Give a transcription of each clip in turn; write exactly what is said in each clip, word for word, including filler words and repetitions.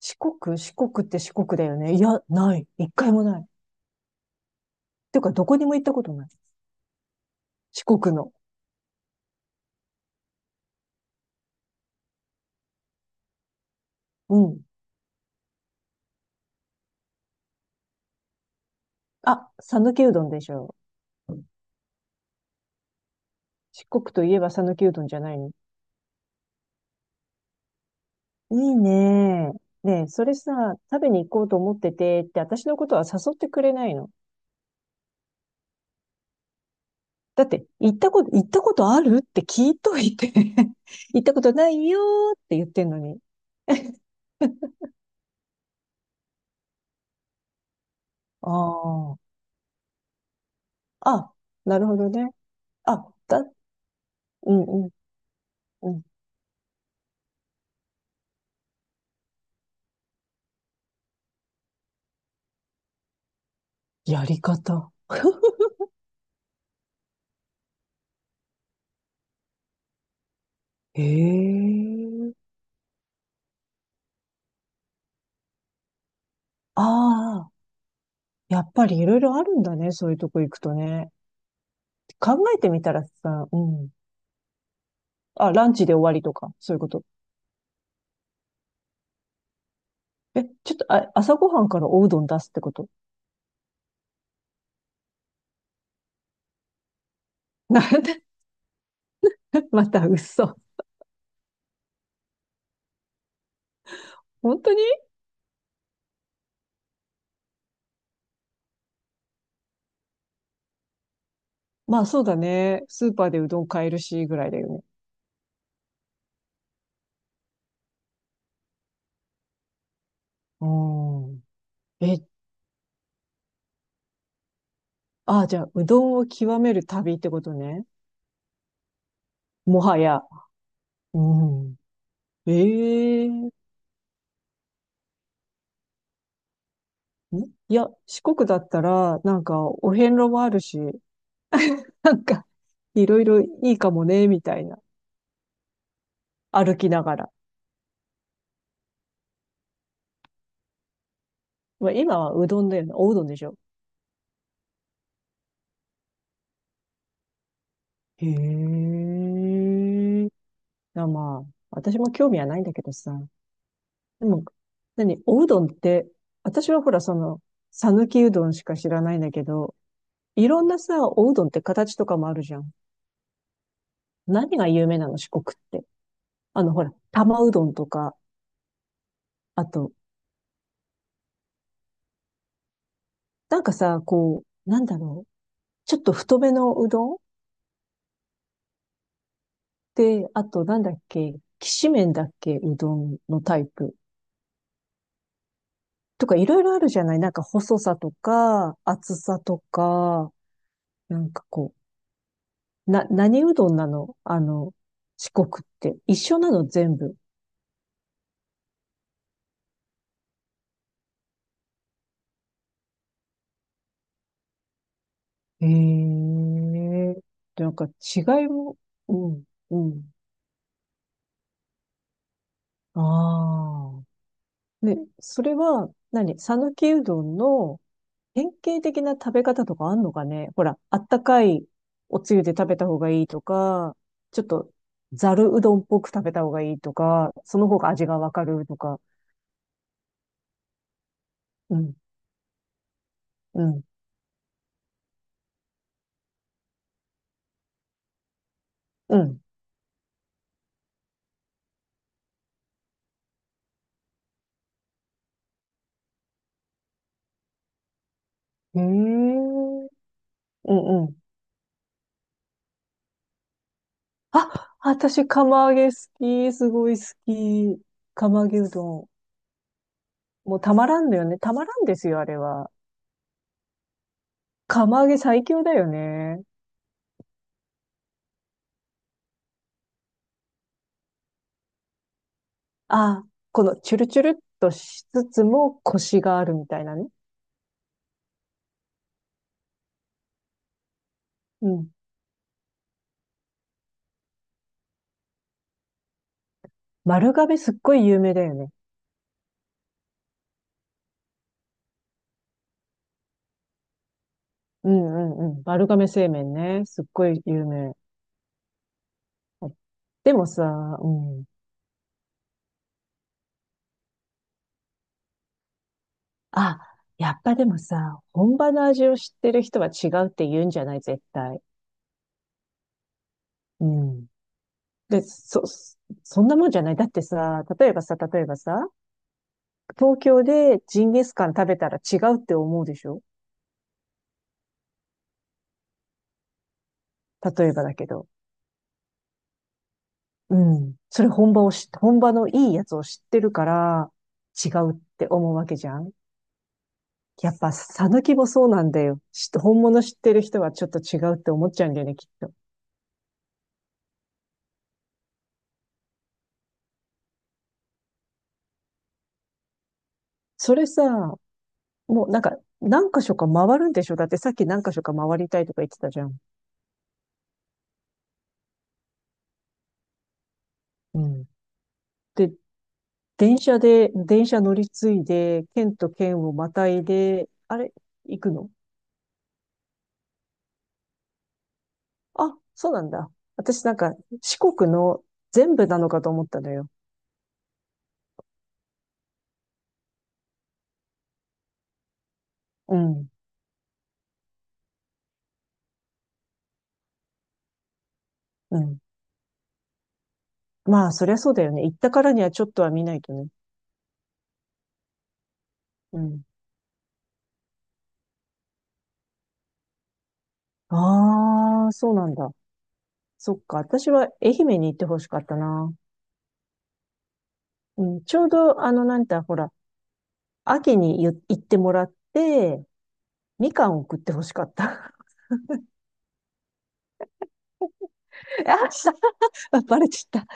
四国、四国って四国だよね。いや、ない。一回もない。てか、どこにも行ったことない。四国の。うん。あ、讃岐うどんでしょ。四国といえば讃岐うどんじゃないの。いいね。ねえ、それさ、食べに行こうと思っててって、私のことは誘ってくれないの。だって、行ったこと、行ったことあるって聞いといて 行ったことないよーって言ってんのに。ああ。あ、なるほどね。あ、だ、うんうんうん。やり方。へえ。ああ、やっぱりいろいろあるんだね。そういうとこ行くとね。考えてみたらさ、うん。あ、ランチで終わりとか、そういうこと。え、ちょっと、あ、朝ごはんからおうどん出すってこと？ なんで？ また嘘。本当に。まあ、そうだね。スーパーでうどん買えるし、ぐらいだよね。うん。え、あ、じゃあ、うどんを極める旅ってことね。もはや。うん。ええんいや、四国だったら、なんか、お遍路もあるし、なんか、いろいろいいかもね、みたいな。歩きながら。まあ、今はうどんだよね。おうどんでしょ。へえ。あ、まあ、私も興味はないんだけどさ。でも、何、おうどんって、私はほら、その、さぬきうどんしか知らないんだけど、いろんなさ、おうどんって形とかもあるじゃん。何が有名なの、四国って。あの、ほら、玉うどんとか、あと、なんかさ、こう、なんだろう。ちょっと太めのうどんで、あとなんだっけ、きしめんだっけ、うどんのタイプ。とかいろいろあるじゃないなんか細さとか、厚さとか、なんかこう、な、何うどんなのあの、四国って。一緒なの全部。へえ。でなんか違いも、うん、うん。ああ。ね、それは何、讃岐うどんの典型的な食べ方とかあんのかねほら、あったかいおつゆで食べた方がいいとか、ちょっとざるうどんっぽく食べた方がいいとか、その方が味がわかるとか。うん、うん、うん。へえ、うんうん。あ、私、釜揚げ好き。すごい好き。釜揚げうどん。もうたまらんのよね。たまらんですよ、あれは。釜揚げ最強だよね。あ、このチュルチュルっとしつつもコシがあるみたいなね。丸亀すっごい有名だよね。うんうんうん。丸亀製麺ね。すっごい有名。でもさ、うん。あ、やっぱでもさ、本場の味を知ってる人は違うって言うんじゃない、絶対。うん。で、そ、そんなもんじゃない。だってさ、例えばさ、例えばさ、東京でジンギスカン食べたら違うって思うでしょ。例えばだけど。うん。それ本場を知っ本場のいいやつを知ってるから、違うって思うわけじゃん。やっぱ、さぬきもそうなんだよ。し本物知ってる人はちょっと違うって思っちゃうんだよね、きっと。それさ、もうなんか、何箇所か回るんでしょ。だってさっき何箇所か回りたいとか言ってたじゃん。うん。で、電車で、電車乗り継いで、県と県をまたいで、あれ、行くの？あ、そうなんだ。私なんか、四国の全部なのかと思ったのよ。うん、うん。まあ、そりゃそうだよね。行ったからにはちょっとは見ないとね。うん。ああ、そうなんだ。そっか、私は愛媛に行ってほしかったな。うん、ちょうど、あの、なんて、ほら、秋にゆ行ってもらって、みかんを食ってほしかった。あ、した、バレちゃった。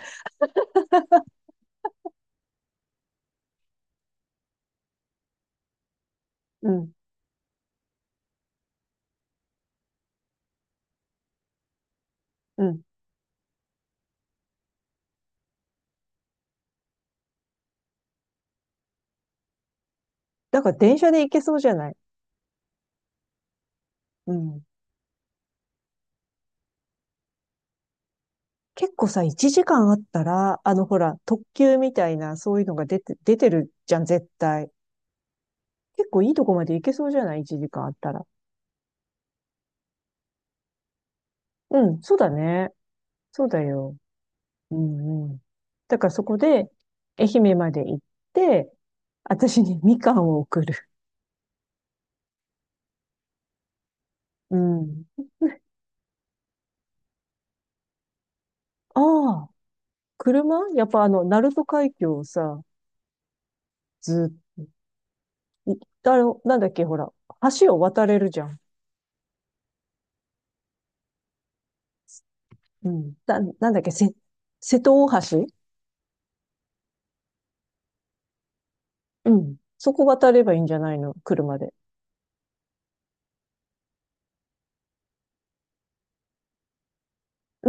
うん、うん。だから電車で行けそうじゃない。うん。結構さ、いちじかんあったら、あの、ほら、特急みたいな、そういうのが出て、出てるじゃん、絶対。結構いいとこまで行けそうじゃない？ いち 時間あったら。うん、そうだね。そうだよ。うんうん。だからそこで、愛媛まで行って、私にみかんを送る。うん。ああ、車やっぱあの、鳴門海峡をさ、ずっと、あの、なんだっけ、ほら、橋を渡れるじゃん。うん。な、なんだっけ、せ、瀬戸大橋。うん。そこ渡ればいいんじゃないの車で。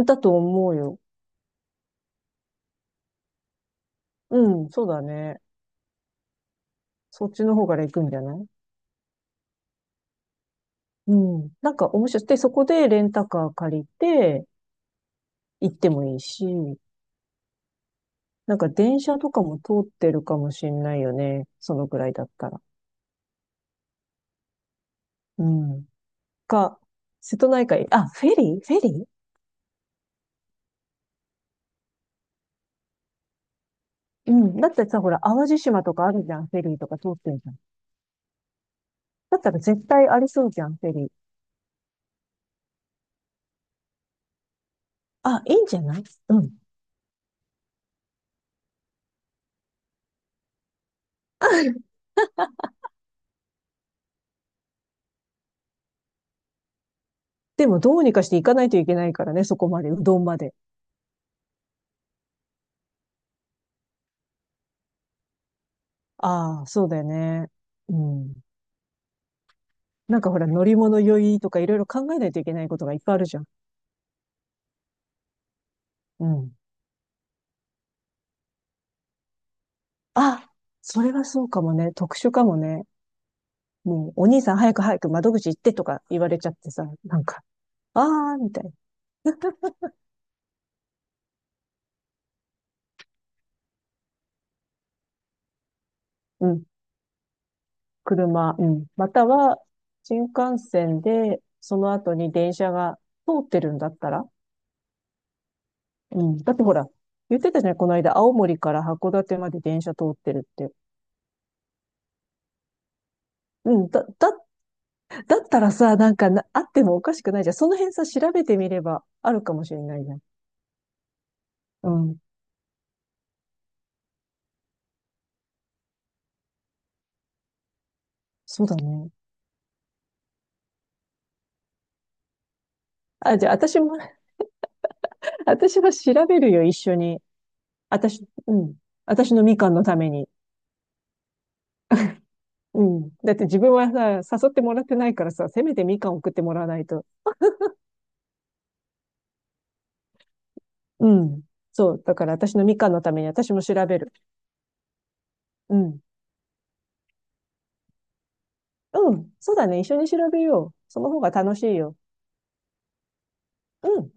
だと思うよ。うん、そうだね。そっちの方から行くんじゃない？うん。なんか面白い。で、そこでレンタカー借りて、行ってもいいし。なんか電車とかも通ってるかもしんないよね。そのぐらいだったら。うん。か、瀬戸内海、あ、フェリーフェリーうん。だってさ、ほら、淡路島とかあるじゃん、フェリーとか通ってるじゃん。だったら絶対ありそうじゃん、フェリー。あ、いいんじゃない？うん。でも、どうにかして行かないといけないからね、そこまで、うどんまで。ああ、そうだよね。うん。なんかほら、乗り物酔いとかいろいろ考えないといけないことがいっぱいあるじゃん。うん。あ、それはそうかもね。特殊かもね。もう、お兄さん早く早く窓口行ってとか言われちゃってさ、なんか、あーみたいな。うん。車、うん。または、新幹線で、その後に電車が通ってるんだったら、うん。だってほら、言ってたじゃないこの間、青森から函館まで電車通ってるって。うん。だ、だ、だったらさ、なんかな、あってもおかしくないじゃん。その辺さ、調べてみればあるかもしれないじゃん。うん。そうだね。あ、じゃあ、私も、私は調べるよ、一緒に。私、うん。私のみかんのために。うん。だって自分はさ、誘ってもらってないからさ、せめてみかん送ってもらわないと。うん。そう。だから私のみかんのために私も調べる。うん。うん。そうだね。一緒に調べよう。その方が楽しいよ。うん。